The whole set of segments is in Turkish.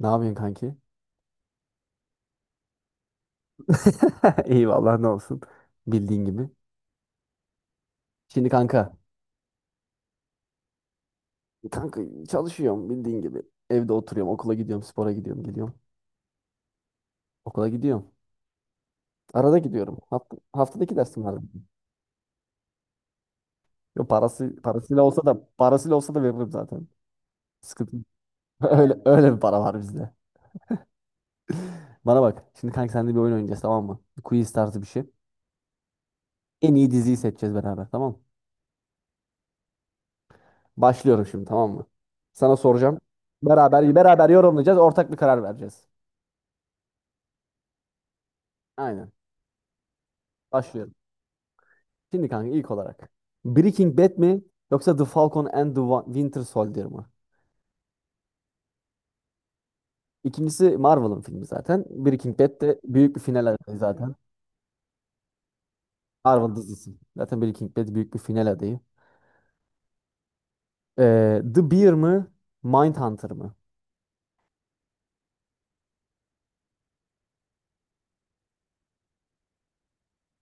Ne yapıyorsun kanki? İyi vallahi ne olsun. Bildiğin gibi. Şimdi kanka. Kanka çalışıyorum bildiğin gibi. Evde oturuyorum. Okula gidiyorum. Spora gidiyorum. Geliyorum. Okula gidiyorum. Arada gidiyorum. Haftada iki dersim var. Yo, parasıyla olsa da veririm zaten. Sıkıntı yok. Öyle bir para var bizde. Bana bak. Şimdi kanka seninle bir oyun oynayacağız, tamam mı? Bir quiz tarzı bir şey. En iyi diziyi seçeceğiz beraber, tamam mı? Başlıyorum şimdi, tamam mı? Sana soracağım. Beraber yorumlayacağız. Ortak bir karar vereceğiz. Aynen. Başlıyorum. Şimdi kanka ilk olarak. Breaking Bad mi yoksa The Falcon and the Winter Soldier mı? İkincisi Marvel'ın filmi zaten. Breaking Bad de büyük bir final adayı zaten. Marvel dizisi. Zaten Breaking Bad büyük bir final adayı. The Bear mı? Mindhunter mı?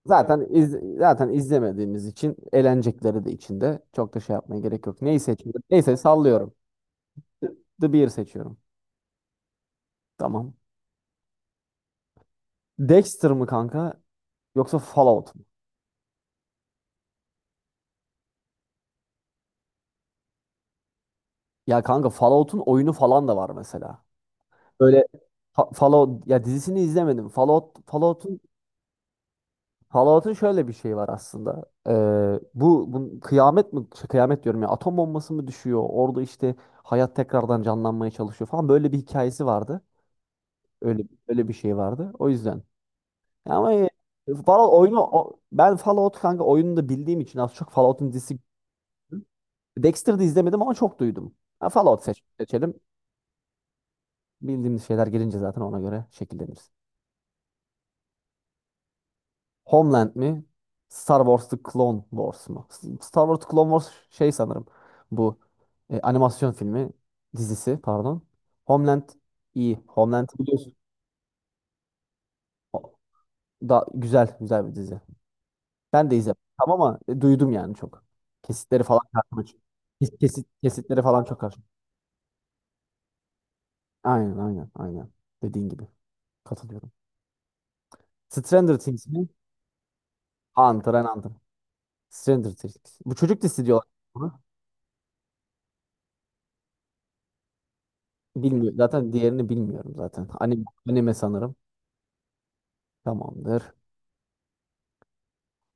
Zaten iz, zaten izlemediğimiz için eğlenecekleri de içinde. Çok da şey yapmaya gerek yok. Neyi seçiyorum? Neyse sallıyorum. The The Bear seçiyorum. Tamam. Dexter mı kanka yoksa Fallout mu? Ya kanka Fallout'un oyunu falan da var mesela. Böyle Fallout, ya dizisini izlemedim. Fallout'un şöyle bir şey var aslında. Bu kıyamet mi şey, kıyamet diyorum ya atom bombası mı düşüyor? Orada işte hayat tekrardan canlanmaya çalışıyor falan böyle bir hikayesi vardı. Öyle öyle bir şey vardı. O yüzden. Ya ama Fallout oyunu ben Fallout kanka oyununu da bildiğim için az çok Fallout'un dizisi, Dexter'da izlemedim ama çok duydum. Ha, Fallout seçelim. Bildiğimiz şeyler gelince zaten ona göre şekilleniriz. Homeland mi? Star Wars The Clone Wars mu? Star Wars The Clone Wars şey sanırım. Bu animasyon dizisi, pardon. Homeland iyi. Homeland biliyorsun. O- Da güzel güzel bir dizi. Ben de izledim ama duydum yani çok. Kesitleri falan karşıma kesitleri falan çok karşıma. Aynen aynen aynen. Dediğin gibi. Katılıyorum. Stranger Things mi? Hunter and Hunter. Stranger Things. Bu çocuk dizisi diyorlar. Bilmiyorum. Zaten diğerini bilmiyorum zaten. Anime sanırım. Tamamdır.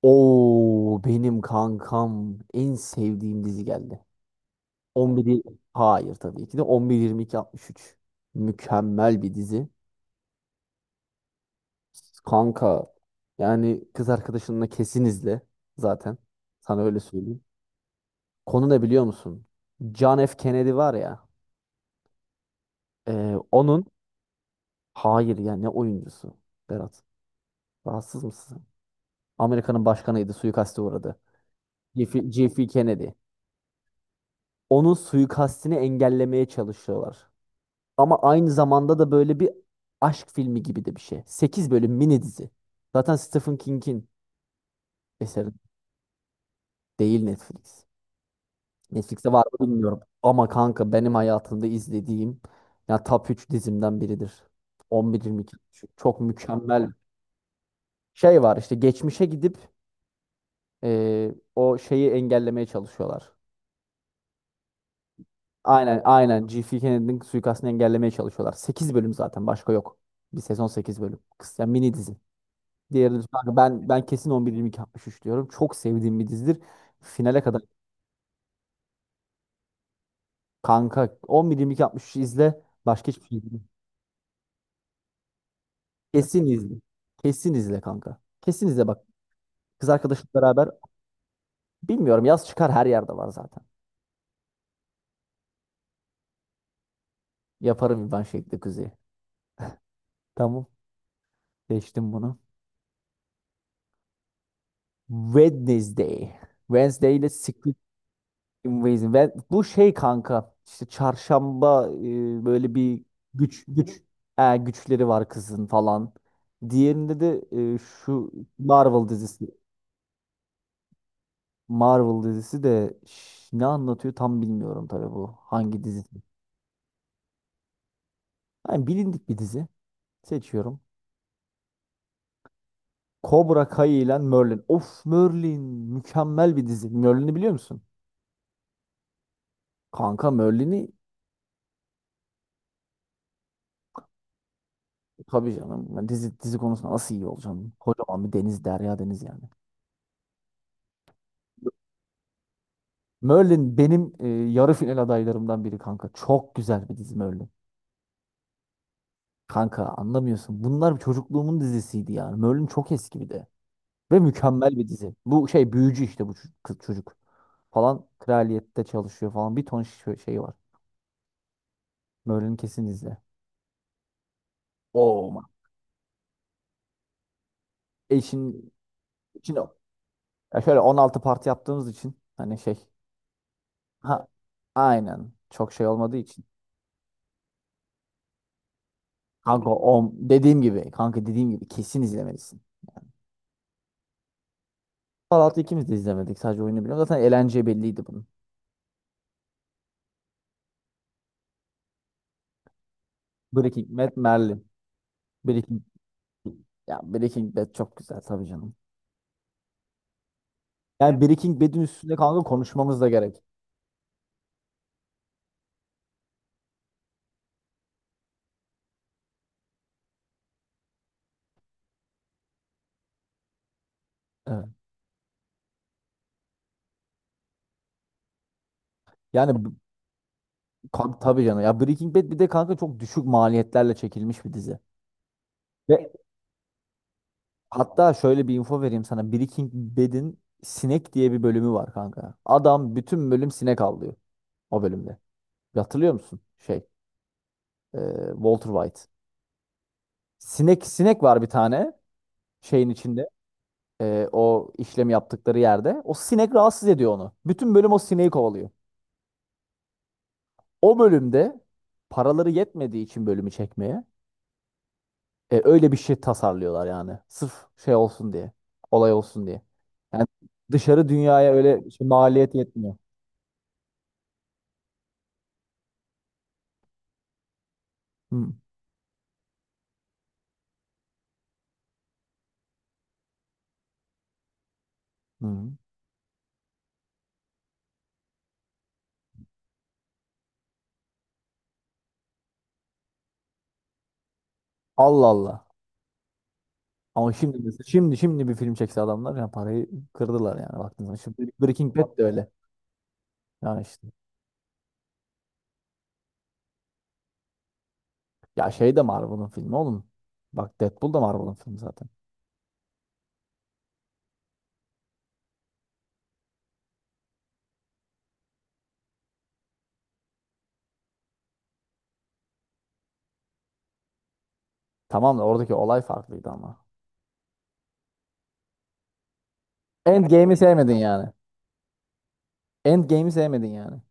Oo, benim kankam en sevdiğim dizi geldi. 11 Hayır, tabii ki de 11-22-63. Mükemmel bir dizi. Kanka yani kız arkadaşınla kesin izle zaten. Sana öyle söyleyeyim. Konu ne biliyor musun? John F. Kennedy var ya. Onun hayır yani ne oyuncusu Berat. Rahatsız mısın? Amerika'nın başkanıydı. Suikaste uğradı. JF Kennedy. Onun suikastini engellemeye çalışıyorlar. Ama aynı zamanda da böyle bir aşk filmi gibi de bir şey. 8 bölüm mini dizi. Zaten Stephen King'in eseri, değil Netflix. Netflix'te var mı bilmiyorum. Ama kanka benim hayatımda izlediğim ya top 3 dizimden biridir. 11 iki. Çok mükemmel. Şey var işte geçmişe gidip o şeyi engellemeye çalışıyorlar. Aynen aynen. G.F. Kennedy'nin suikastını engellemeye çalışıyorlar. 8 bölüm zaten başka yok. Bir sezon 8 bölüm. Kısa mini dizi. Diğerini kanka ben kesin 11-22-63 diyorum. Çok sevdiğim bir dizidir. Finale kadar kanka 11 altmış üç izle. Başka hiçbir şey izle. Kesin izle. Kesin izle kanka. Kesin izle bak. Kız arkadaşımla beraber bilmiyorum, yaz çıkar her yerde var zaten. Yaparım ben şekli kuzeyi. Tamam. Geçtim bunu. Wednesday. Wednesday ile Secret Invasion. Ve bu şey kanka işte çarşamba, böyle bir güç güç güçleri var kızın falan. Diğerinde de şu Marvel dizisi. Marvel dizisi de ne anlatıyor tam bilmiyorum tabii bu. Hangi dizi? Yani bilindik bir dizi. Seçiyorum. Cobra Kai ile Merlin. Of, Merlin mükemmel bir dizi. Merlin'i biliyor musun? Kanka Merlin'i tabii canım. Yani dizi konusunda nasıl iyi olacağım? Kocaman bir deniz, derya deniz yani. Merlin benim yarı final adaylarımdan biri kanka. Çok güzel bir dizi Merlin. Kanka anlamıyorsun. Bunlar çocukluğumun dizisiydi yani. Merlin çok eski bir de. Ve mükemmel bir dizi. Bu şey büyücü, işte bu kız çocuk. Falan kraliyette çalışıyor falan. Bir ton şey var. Merlin kesin izle. Oo. Man. E işin, için ya şöyle 16 parti yaptığımız için hani şey. Ha, aynen. Çok şey olmadığı için. Kanka o dediğim gibi, kanka dediğim gibi kesin izlemelisin. Fallout'u ikimiz de izlemedik. Sadece oyunu biliyorum. Zaten eğlence belliydi bunun. Breaking Bad, Merlin. Breaking, ya Breaking Bad çok güzel tabii canım. Yani Breaking Bad'in üstünde kanka konuşmamız da gerek. Evet. Yani kanka, tabii canım. Ya Breaking Bad bir de kanka çok düşük maliyetlerle çekilmiş bir dizi. Ve hatta şöyle bir info vereyim sana. Breaking Bad'in sinek diye bir bölümü var kanka. Adam bütün bölüm sinek avlıyor o bölümde. Bir hatırlıyor musun? E, Walter White. Sinek var bir tane şeyin içinde. O işlemi yaptıkları yerde. O sinek rahatsız ediyor onu. Bütün bölüm o sineği kovalıyor. O bölümde paraları yetmediği için bölümü çekmeye öyle bir şey tasarlıyorlar yani. Sırf şey olsun diye. Olay olsun diye. Yani dışarı dünyaya öyle şey, maliyet yetmiyor. Hı, hı. Allah Allah. Ama şimdi şimdi bir film çekse adamlar yani parayı kırdılar yani baktığınız zaman. Şimdi Breaking Bad de öyle. Yani işte. Ya şey de Marvel'ın filmi oğlum. Bak Deadpool da Marvel'ın filmi zaten. Tamam da oradaki olay farklıydı ama. Endgame'i sevmedin yani. Endgame'i sevmedin yani.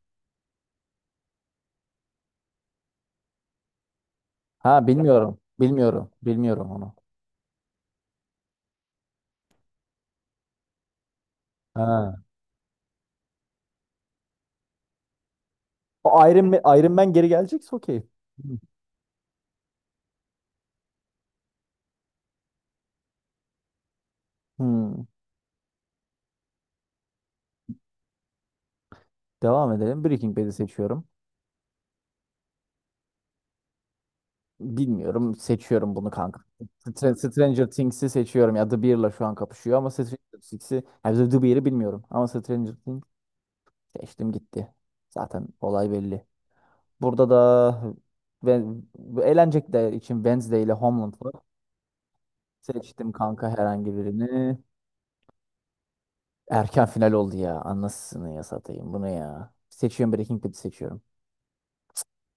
Ha, bilmiyorum. Bilmiyorum. Bilmiyorum onu. Ha. O Iron Man geri gelecekse okey. Hmm. Hmm. Devam edelim. Breaking Bad'i seçiyorum. Bilmiyorum. Seçiyorum bunu kanka. Stranger Things'i seçiyorum. Ya The Bear'la şu an kapışıyor ama Stranger Things'i. Ya The Bear'ı bilmiyorum. Ama Stranger Things seçtim gitti. Zaten olay belli. Burada da ve eğlence de için Wednesday ile Homeland var. Seçtim kanka herhangi birini. Erken final oldu ya. Anasını ya satayım bunu ya. Seçiyorum, Breaking Bad'i seçiyorum.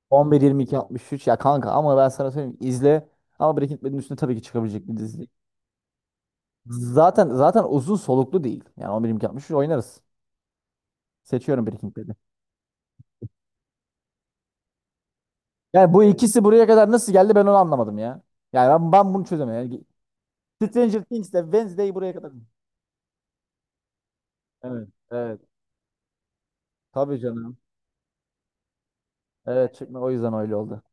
11 22 63 ya kanka ama ben sana söyleyeyim izle. Ama Breaking Bad'in üstüne tabii ki çıkabilecek bir dizi. Zaten uzun soluklu değil. Yani 11 22 63 oynarız. Seçiyorum Breaking Bad'i. Yani bu ikisi buraya kadar nasıl geldi ben onu anlamadım ya. Yani ben bunu çözemiyorum. Yani Stranger Things'le Wednesday buraya kadar. Evet, evet. Tabii canım. Evet, çıkma o yüzden öyle oldu.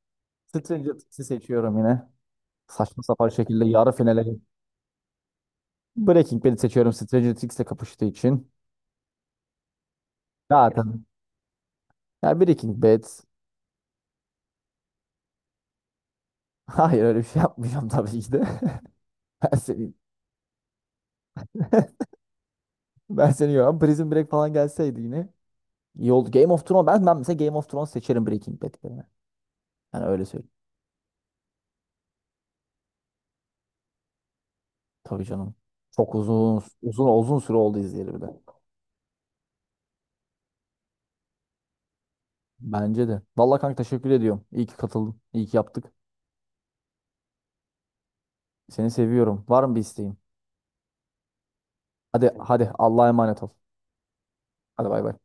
Stranger Things'i seçiyorum yine. Saçma sapan şekilde yarı finale Breaking Bad'i seçiyorum Stranger Things'le kapıştığı için. Zaten ya Breaking Bad hayır öyle bir şey yapmayacağım tabii ki de. Ben seni ben seni yiyorum. Prison Break falan gelseydi yine iyi oldu. Game of Thrones ben mesela Game of Thrones seçerim Breaking Bad yerine. Yani öyle söyleyeyim. Tabii canım. Çok uzun uzun uzun süre oldu izleyeli bir de. Bence de. Vallahi kanka teşekkür ediyorum. İyi ki katıldın. İyi ki yaptık. Seni seviyorum. Var mı bir isteğin? Hadi hadi Allah'a emanet ol. Hadi bay bay.